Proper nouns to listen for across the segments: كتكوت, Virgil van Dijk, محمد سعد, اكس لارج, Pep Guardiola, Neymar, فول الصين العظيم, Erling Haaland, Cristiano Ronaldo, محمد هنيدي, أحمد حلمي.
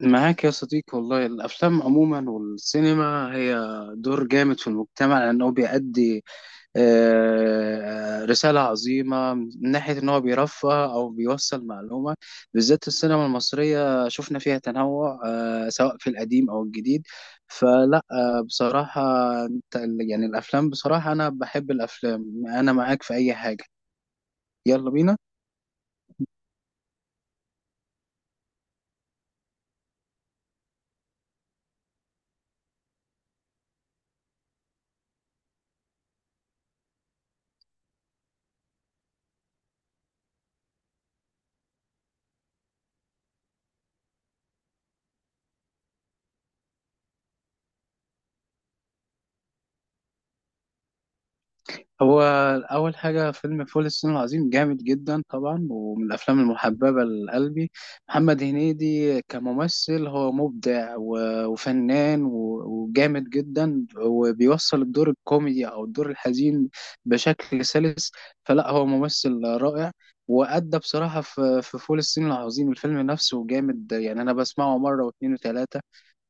معاك يا صديقي، والله الأفلام عموما والسينما هي دور جامد في المجتمع لأنه بيأدي رسالة عظيمة من ناحية إن هو بيرفه أو بيوصل معلومة. بالذات السينما المصرية شفنا فيها تنوع، سواء في القديم أو الجديد. فلا، بصراحة أنت- يعني الأفلام، بصراحة أنا بحب الأفلام، أنا معاك في أي حاجة. يلا بينا. هو أول حاجة، فيلم فول الصين العظيم جامد جدا طبعا، ومن الأفلام المحببة لقلبي. محمد هنيدي كممثل هو مبدع وفنان وجامد جدا، وبيوصل الدور الكوميدي أو الدور الحزين بشكل سلس. فلا هو ممثل رائع، وأدى بصراحة في فول الصين العظيم. الفيلم نفسه جامد، يعني أنا بسمعه مرة واتنين وتلاتة.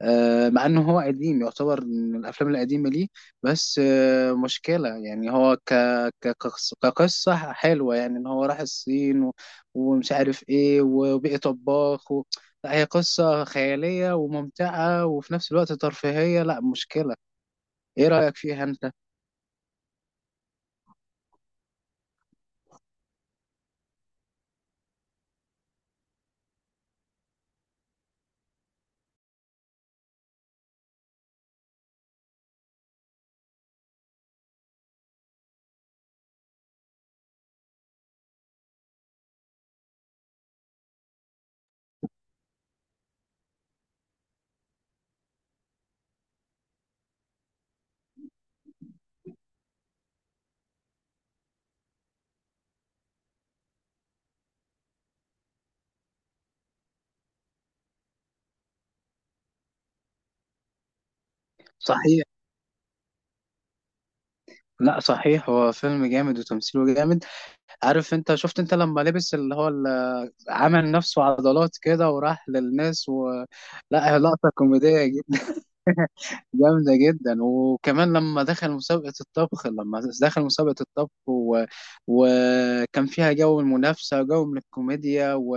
مع انه هو قديم، يعتبر من الافلام القديمه. ليه؟ بس مشكله. يعني هو كقصه حلوه، يعني ان هو راح الصين ومش عارف ايه وبقي طباخ لا، هي قصه خياليه وممتعه وفي نفس الوقت ترفيهيه. لا مشكله. ايه رايك فيها انت؟ صحيح. لا صحيح، هو فيلم جامد وتمثيله جامد. عارف انت، شفت انت لما لبس اللي هو عمل نفسه عضلات كده وراح للناس لا هي لقطه كوميديه جامدة جدا. وكمان لما دخل مسابقة الطبخ وكان فيها جو المنافسة وجو من الكوميديا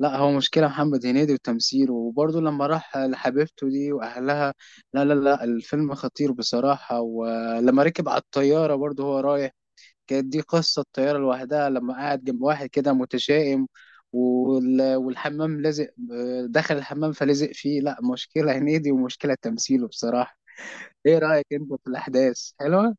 لا هو مشكلة محمد هنيدي وتمثيله. وبرضه لما راح لحبيبته دي وأهلها، لا الفيلم خطير بصراحة. ولما ركب على الطيارة برضه، هو رايح، كانت دي قصة الطيارة لوحدها، لما قعد جنب واحد كده متشائم والحمام لازق، دخل الحمام فلزق فيه. لا مشكلة هنيدي ومشكلة تمثيله بصراحة. ايه رأيك انت في الاحداث؟ حلوة؟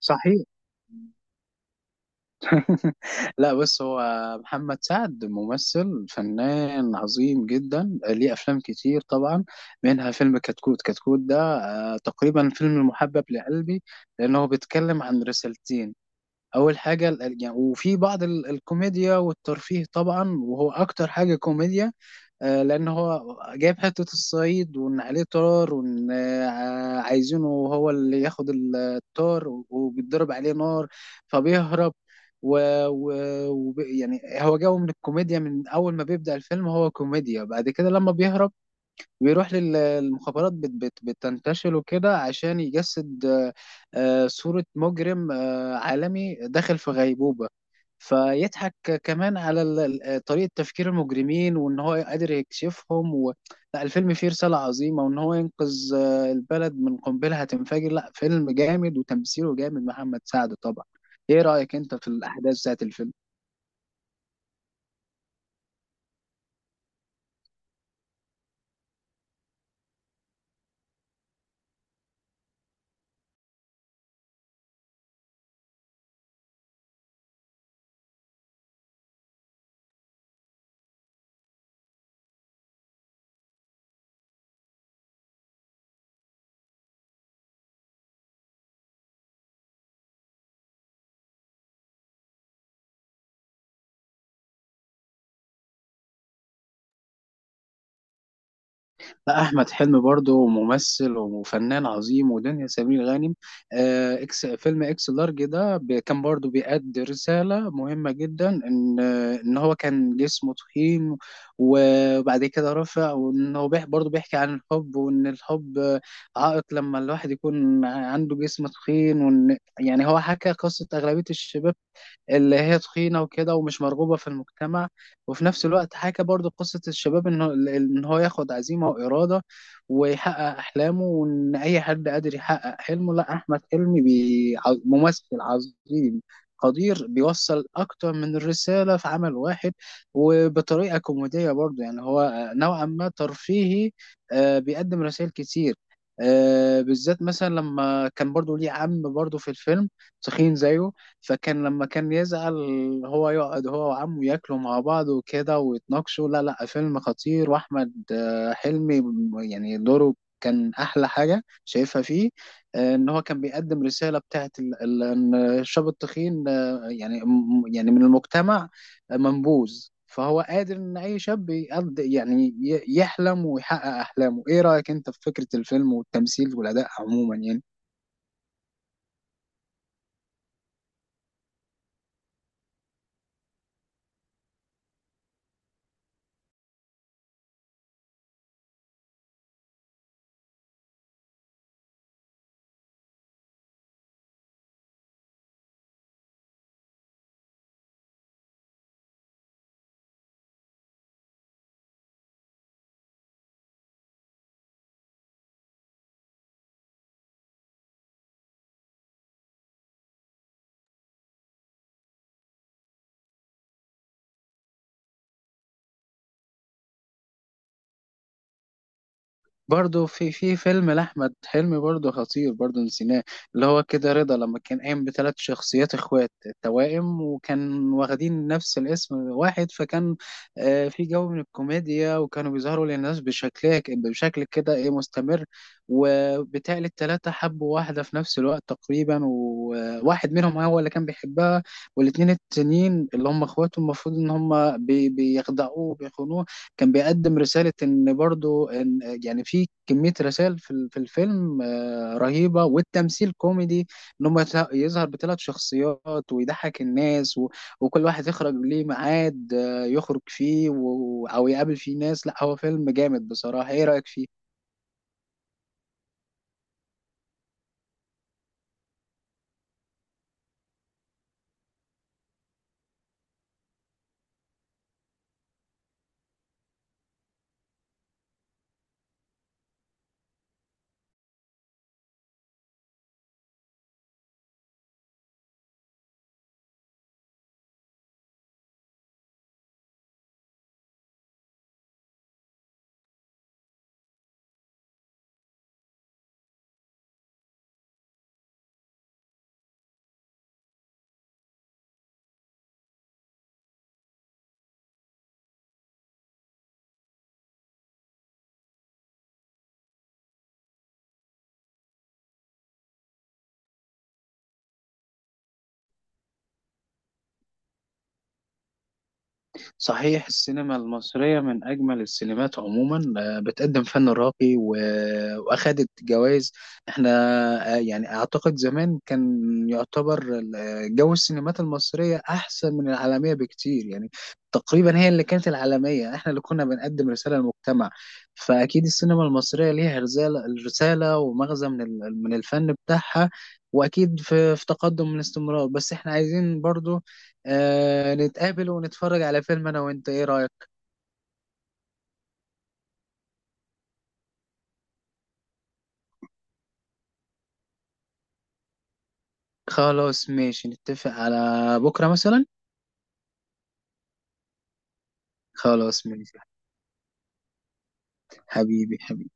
صحيح. لا بص، محمد سعد ممثل فنان عظيم جدا، ليه افلام كتير طبعا، منها فيلم كتكوت. كتكوت ده تقريبا الفيلم المحبب لقلبي، لانه بيتكلم عن رسالتين. اول حاجه يعني، وفي بعض الكوميديا والترفيه طبعا، وهو اكتر حاجه كوميديا. لان هو جايب حته الصعيد، وان عليه طار، وان عايزينه هو اللي ياخد الطار، وبيتضرب عليه نار فبيهرب و... و... يعني هو جو من الكوميديا. من اول ما بيبدأ الفيلم هو كوميديا. بعد كده لما بيهرب بيروح للمخابرات، بت بت بتنتشل وكده عشان يجسد صورة مجرم عالمي داخل في غيبوبة. فيضحك كمان على طريقة تفكير المجرمين، وإن هو قادر يكشفهم لا الفيلم فيه رسالة عظيمة، وإن هو ينقذ البلد من قنبلة هتنفجر. لا فيلم جامد وتمثيله جامد، محمد سعد طبعا. إيه رأيك أنت في الأحداث بتاعت الفيلم؟ لا احمد حلمي برضه ممثل وفنان عظيم، ودنيا سمير غانم. آه، اكس، فيلم اكس لارج ده كان برضه بيأدي رساله مهمه جدا. ان ان هو كان جسمه تخين وبعد كده رفع، وان هو برضه بيحكي عن الحب، وان الحب عائق لما الواحد يكون عنده جسم تخين. وان يعني هو حكى قصه اغلبيه الشباب اللي هي تخينة وكده ومش مرغوبة في المجتمع. وفي نفس الوقت حكى برضو قصة الشباب، إن هو ياخد عزيمة وإرادة ويحقق أحلامه، وإن أي حد قادر يحقق حلمه. لا أحمد حلمي ممثل عظيم قدير، بيوصل أكتر من الرسالة في عمل واحد، وبطريقة كوميدية برضو. يعني هو نوعا ما ترفيهي، بيقدم رسائل كتير. بالذات مثلا لما كان برضو ليه عم برضو في الفيلم تخين زيه. فكان لما كان يزعل، هو يقعد هو وعمه ياكلوا مع بعض وكده ويتناقشوا. لا فيلم خطير. واحمد حلمي، يعني دوره كان احلى حاجه شايفها فيه. ان هو كان بيقدم رساله بتاعت ان الشاب التخين يعني يعني من المجتمع منبوذ. فهو قادر ان اي شاب يقض، يعني يحلم ويحقق احلامه. ايه رايك انت في فكره الفيلم والتمثيل والاداء عموما، يعني؟ برضه في فيلم لأحمد حلمي برضه خطير برضه نسيناه، اللي هو كده رضا، لما كان قايم بثلاث شخصيات اخوات توائم وكان واخدين نفس الاسم واحد. فكان في جو من الكوميديا، وكانوا بيظهروا للناس بشكل كده ايه مستمر. وبالتالي التلاتة حبوا واحدة في نفس الوقت تقريبا، وواحد منهم هو اللي كان بيحبها، والاتنين التانيين اللي هم اخواته المفروض ان هم بيخدعوه وبيخونوه. كان بيقدم رسالة، إن برضو إن، يعني في كمية رسائل في في الفيلم رهيبة. والتمثيل كوميدي، إن هم يظهر بثلاث شخصيات ويضحك الناس وكل واحد يخرج ليه ميعاد يخرج فيه أو يقابل فيه ناس. لا هو فيلم جامد بصراحة. إيه رأيك فيه؟ صحيح. السينما المصرية من أجمل السينمات عموما، بتقدم فن راقي وأخدت جوائز. احنا يعني أعتقد زمان كان يعتبر جو السينمات المصرية أحسن من العالمية بكتير، يعني تقريبا هي اللي كانت العالمية، احنا اللي كنا بنقدم رسالة للمجتمع. فأكيد السينما المصرية ليها رسالة رسالة ومغزى من الفن بتاعها. وأكيد في تقدم من استمرار. بس احنا عايزين برضو نتقابل ونتفرج على فيلم انا وانت. ايه رأيك؟ خلاص ماشي، نتفق على بكرة مثلا. خلاص ماشي. حبيبي حبيبي.